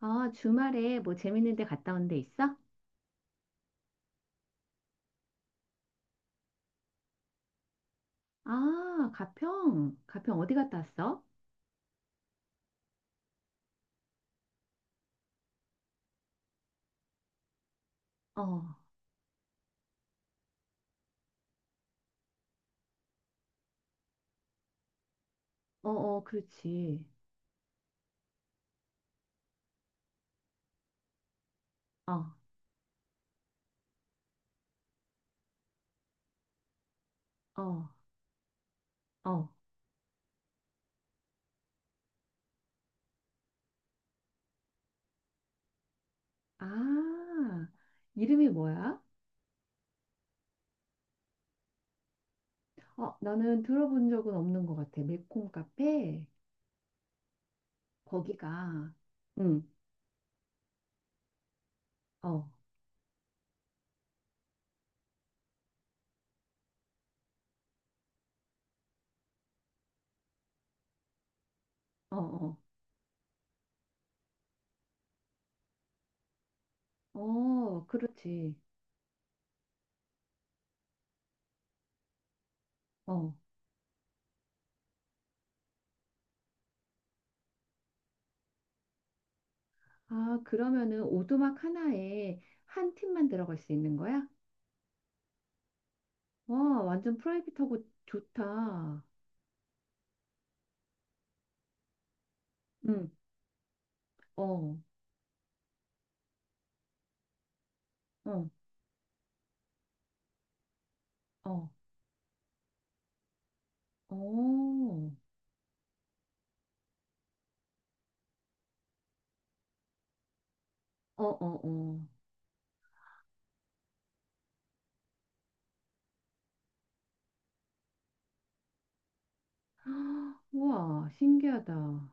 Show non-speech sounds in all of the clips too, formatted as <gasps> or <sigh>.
아, 주말에 뭐 재밌는 데 갔다 온 데 있어? 아, 가평. 가평 어디 갔다 왔어? 어, 어, 어, 그렇지. 어, 어, 어. 아, 이름이 뭐야? 어, 나는 들어본 적은 없는 것 같아. 매콤 카페. 거기가. 응, 어, 어, 어. 어, 그렇지. 어. 아, 그러면은 오두막 하나에 한 팀만 들어갈 수 있는 거야? 와, 완전 프라이빗하고 좋다. 응, 어. 어, 어, 어, 어, 어, 어. <gasps> 우와, 신기하다. 어,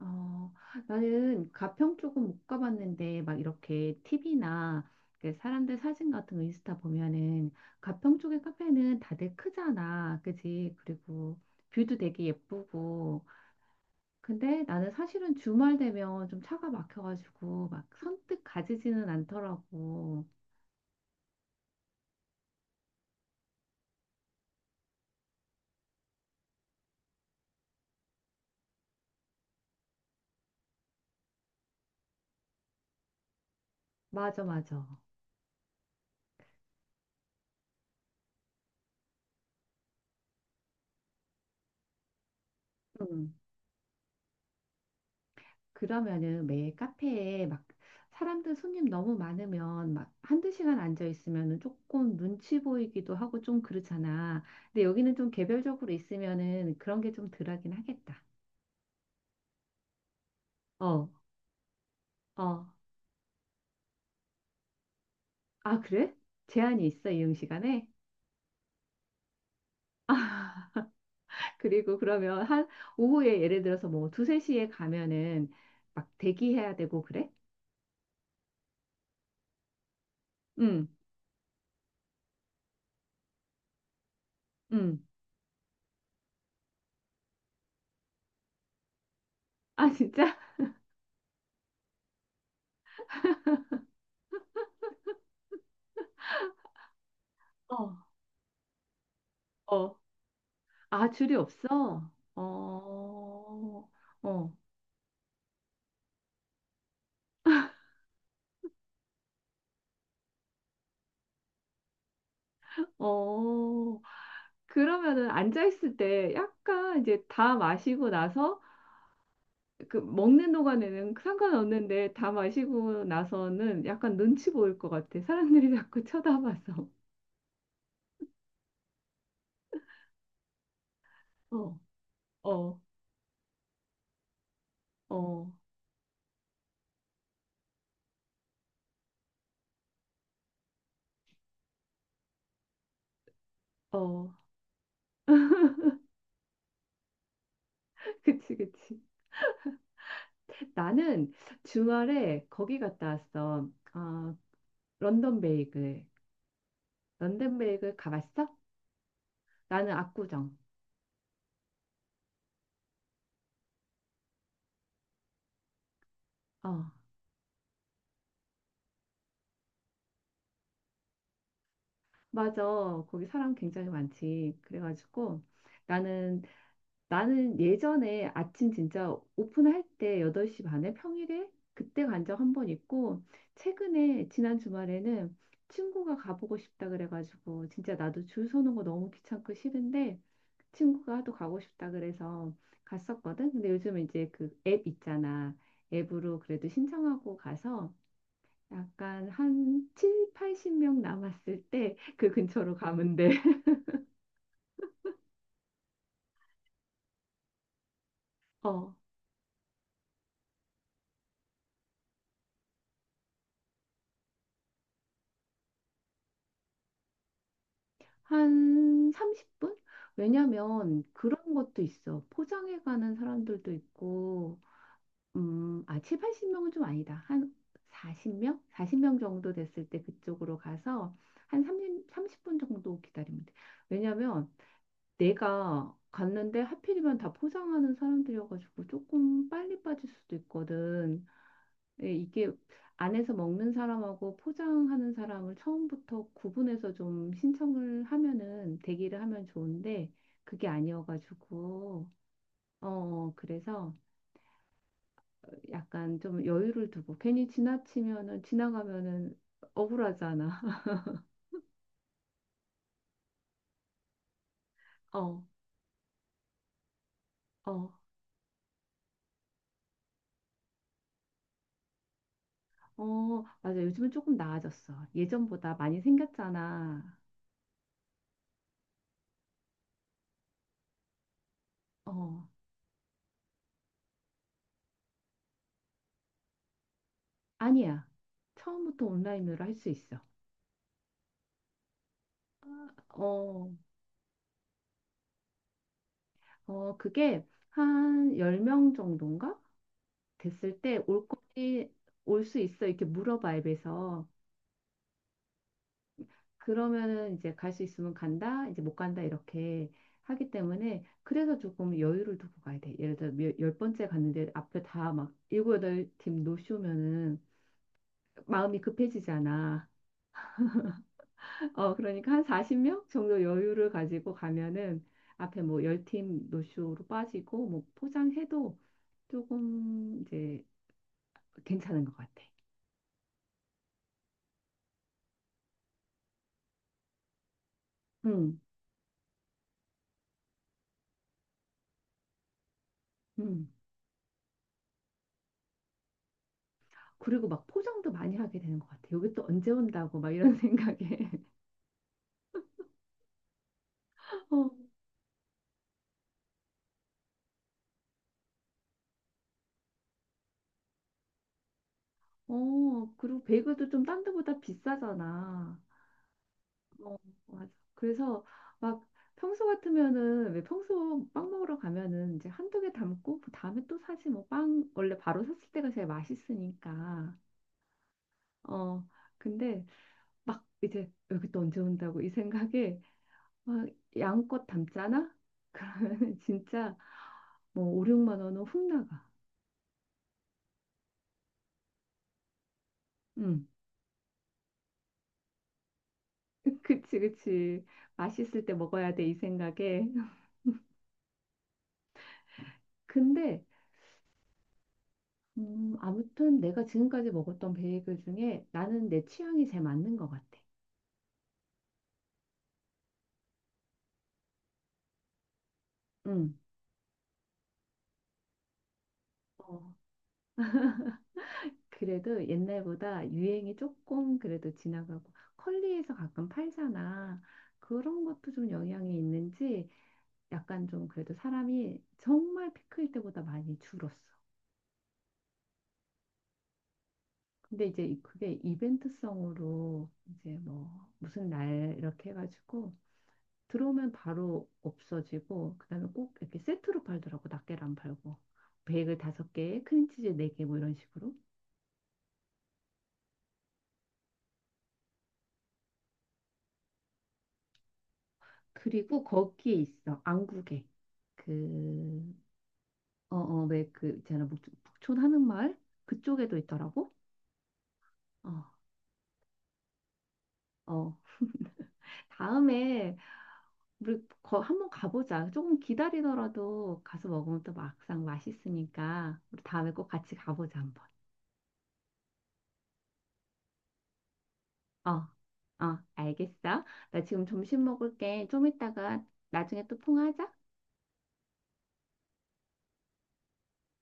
어. 나는 가평 쪽은 못 가봤는데, 막 이렇게 TV나 사람들 사진 같은 거 인스타 보면은, 가평 쪽의 카페는 다들 크잖아. 그지? 그리고 뷰도 되게 예쁘고. 근데 나는 사실은 주말 되면 좀 차가 막혀가지고, 막 선뜻 가지지는 않더라고. 맞아, 맞아. 응. 그러면은 매 카페에 막 사람들 손님 너무 많으면 막 한두 시간 앉아 있으면은 조금 눈치 보이기도 하고 좀 그렇잖아. 근데 여기는 좀 개별적으로 있으면은 그런 게 좀 덜하긴 하겠다. 어, 어. 아, 그래? 제한이 있어, 이용 시간에? <laughs> 그리고 그러면 한 오후에 예를 들어서 뭐 두세 시에 가면은 막 대기해야 되고 그래? 응, 응. 아, 진짜? <laughs> 어, 어. 아, 줄이 없어? 어, 어. 어, 그러면은 앉아있을 때 약간 이제 다 마시고 나서 그 먹는 동안에는 상관없는데 다 마시고 나서는 약간 눈치 보일 것 같아. 사람들이 <laughs> 자꾸 쳐다봐서. 어, 어, 어, 어. <laughs> 그치, 그치. 나는 주말에 거기 갔다 왔어. 아, 런던 베이글. 런던 베이글 가봤어? 나는 압구정. 어, 맞아. 거기 사람 굉장히 많지. 그래가지고. 나는 나는 예전에 아침 진짜 오픈할 때 8시 반에 평일에 그때 간적 한 번 있고 최근에 지난 주말에는 친구가 가보고 싶다 그래가지고 진짜 나도 줄 서는 거 너무 귀찮고 싫은데 친구가 또 가고 싶다 그래서 갔었거든. 근데 요즘 이제 그 앱 있잖아. 앱으로 그래도 신청하고 가서 약간 한 7, 80명 남았을 때 그 근처로 가면 돼. <laughs> 어. 한 30분? 왜냐면 그런 것도 있어. 포장해 가는 사람들도 있고, 아, 7, 80명은 좀 아니다. 한 40명? 40명 정도 됐을 때 그쪽으로 가서 한 30분 정도 기다리면 돼. 왜냐면 내가 갔는데 하필이면 다 포장하는 사람들이어가지고 조금 빨리 빠질 수도 있거든. 예, 이게 안에서 먹는 사람하고 포장하는 사람을 처음부터 구분해서 좀 신청을 하면은 대기를 하면 좋은데 그게 아니어가지고 어, 그래서 약간 좀 여유를 두고 괜히 지나치면은 지나가면은 억울하잖아. <laughs> 어, 어, 어, 맞아. 요즘은 조금 나아졌어. 예전보다 많이 생겼잖아. 어, 아니야. 처음부터 온라인으로 할 수 있어. 어, 어, 그게 한 10명 정도인가? 됐을 때 올 거니 올 수 있어 이렇게 물어봐, 앱에서. 그러면은 이제 갈 수 있으면 간다 이제 못 간다 이렇게 하기 때문에. 그래서 조금 여유를 두고 가야 돼. 예를 들어 열 번째 갔는데 앞에 다 막 일곱 여덟 팀 노쇼면은 마음이 급해지잖아. <laughs> 어, 그러니까 한 40명 정도 여유를 가지고 가면은 앞에 뭐 열 팀 노쇼로 빠지고 뭐 포장해도 조금 이제 괜찮은 것 같아. 음. 음. 그리고 막 포장도 많이 하게 되는 것 같아요. 여기 또 언제 온다고 막 이런 <laughs> 생각에. <laughs> 어, 어, 그리고 베이글도 좀 딴 데보다 비싸잖아. 어, 맞아. 그래서 막 평소 같으면은 왜, 평소 빵 먹으러 가면은 이제 한두 개 담고 그 다음에 또 사지 뭐. 빵 원래 바로 샀을 때가 제일 맛있으니까. 어, 근데 막 이제 여기 또 언제 온다고 이 생각에 막 양껏 담잖아? 그러면 <laughs> 진짜 뭐 5, 6만 원은 훅 나가. 음. <laughs> 그치, 그치. 맛있을 때 먹어야 돼, 이 생각에. <laughs> 근데, 아무튼 내가 지금까지 먹었던 베이글 중에 나는 내 취향이 제일 맞는 것 같아. 응. 어, 그래도 옛날보다 유행이 조금 그래도 지나가고, 컬리에서 가끔 팔잖아. 그런 것도 좀 영향이 있는지 약간 좀 그래도 사람이 정말 피클 때보다 많이 줄었어. 근데 이제 그게 이벤트성으로 이제 뭐 무슨 날 이렇게 해가지고 들어오면 바로 없어지고 그다음에 꼭 이렇게 세트로 팔더라고. 낱개를 안 팔고 베이글 다섯 개, 크림치즈 네 개 뭐 이런 식으로. 그리고 거기에 있어, 안국에. 그 어, 어, 왜 그 있잖아, 북촌 하는 마을. 그쪽에도 있더라고. 어. 어. 다음에 우리 거 한번 가보자. 조금 기다리더라도 가서 먹으면 또 막상 맛있으니까 우리 다음에 꼭 같이 가보자 한번. 어, 어, 알겠어. 나 지금 점심 먹을게. 좀 이따가 나중에 또 통화하자.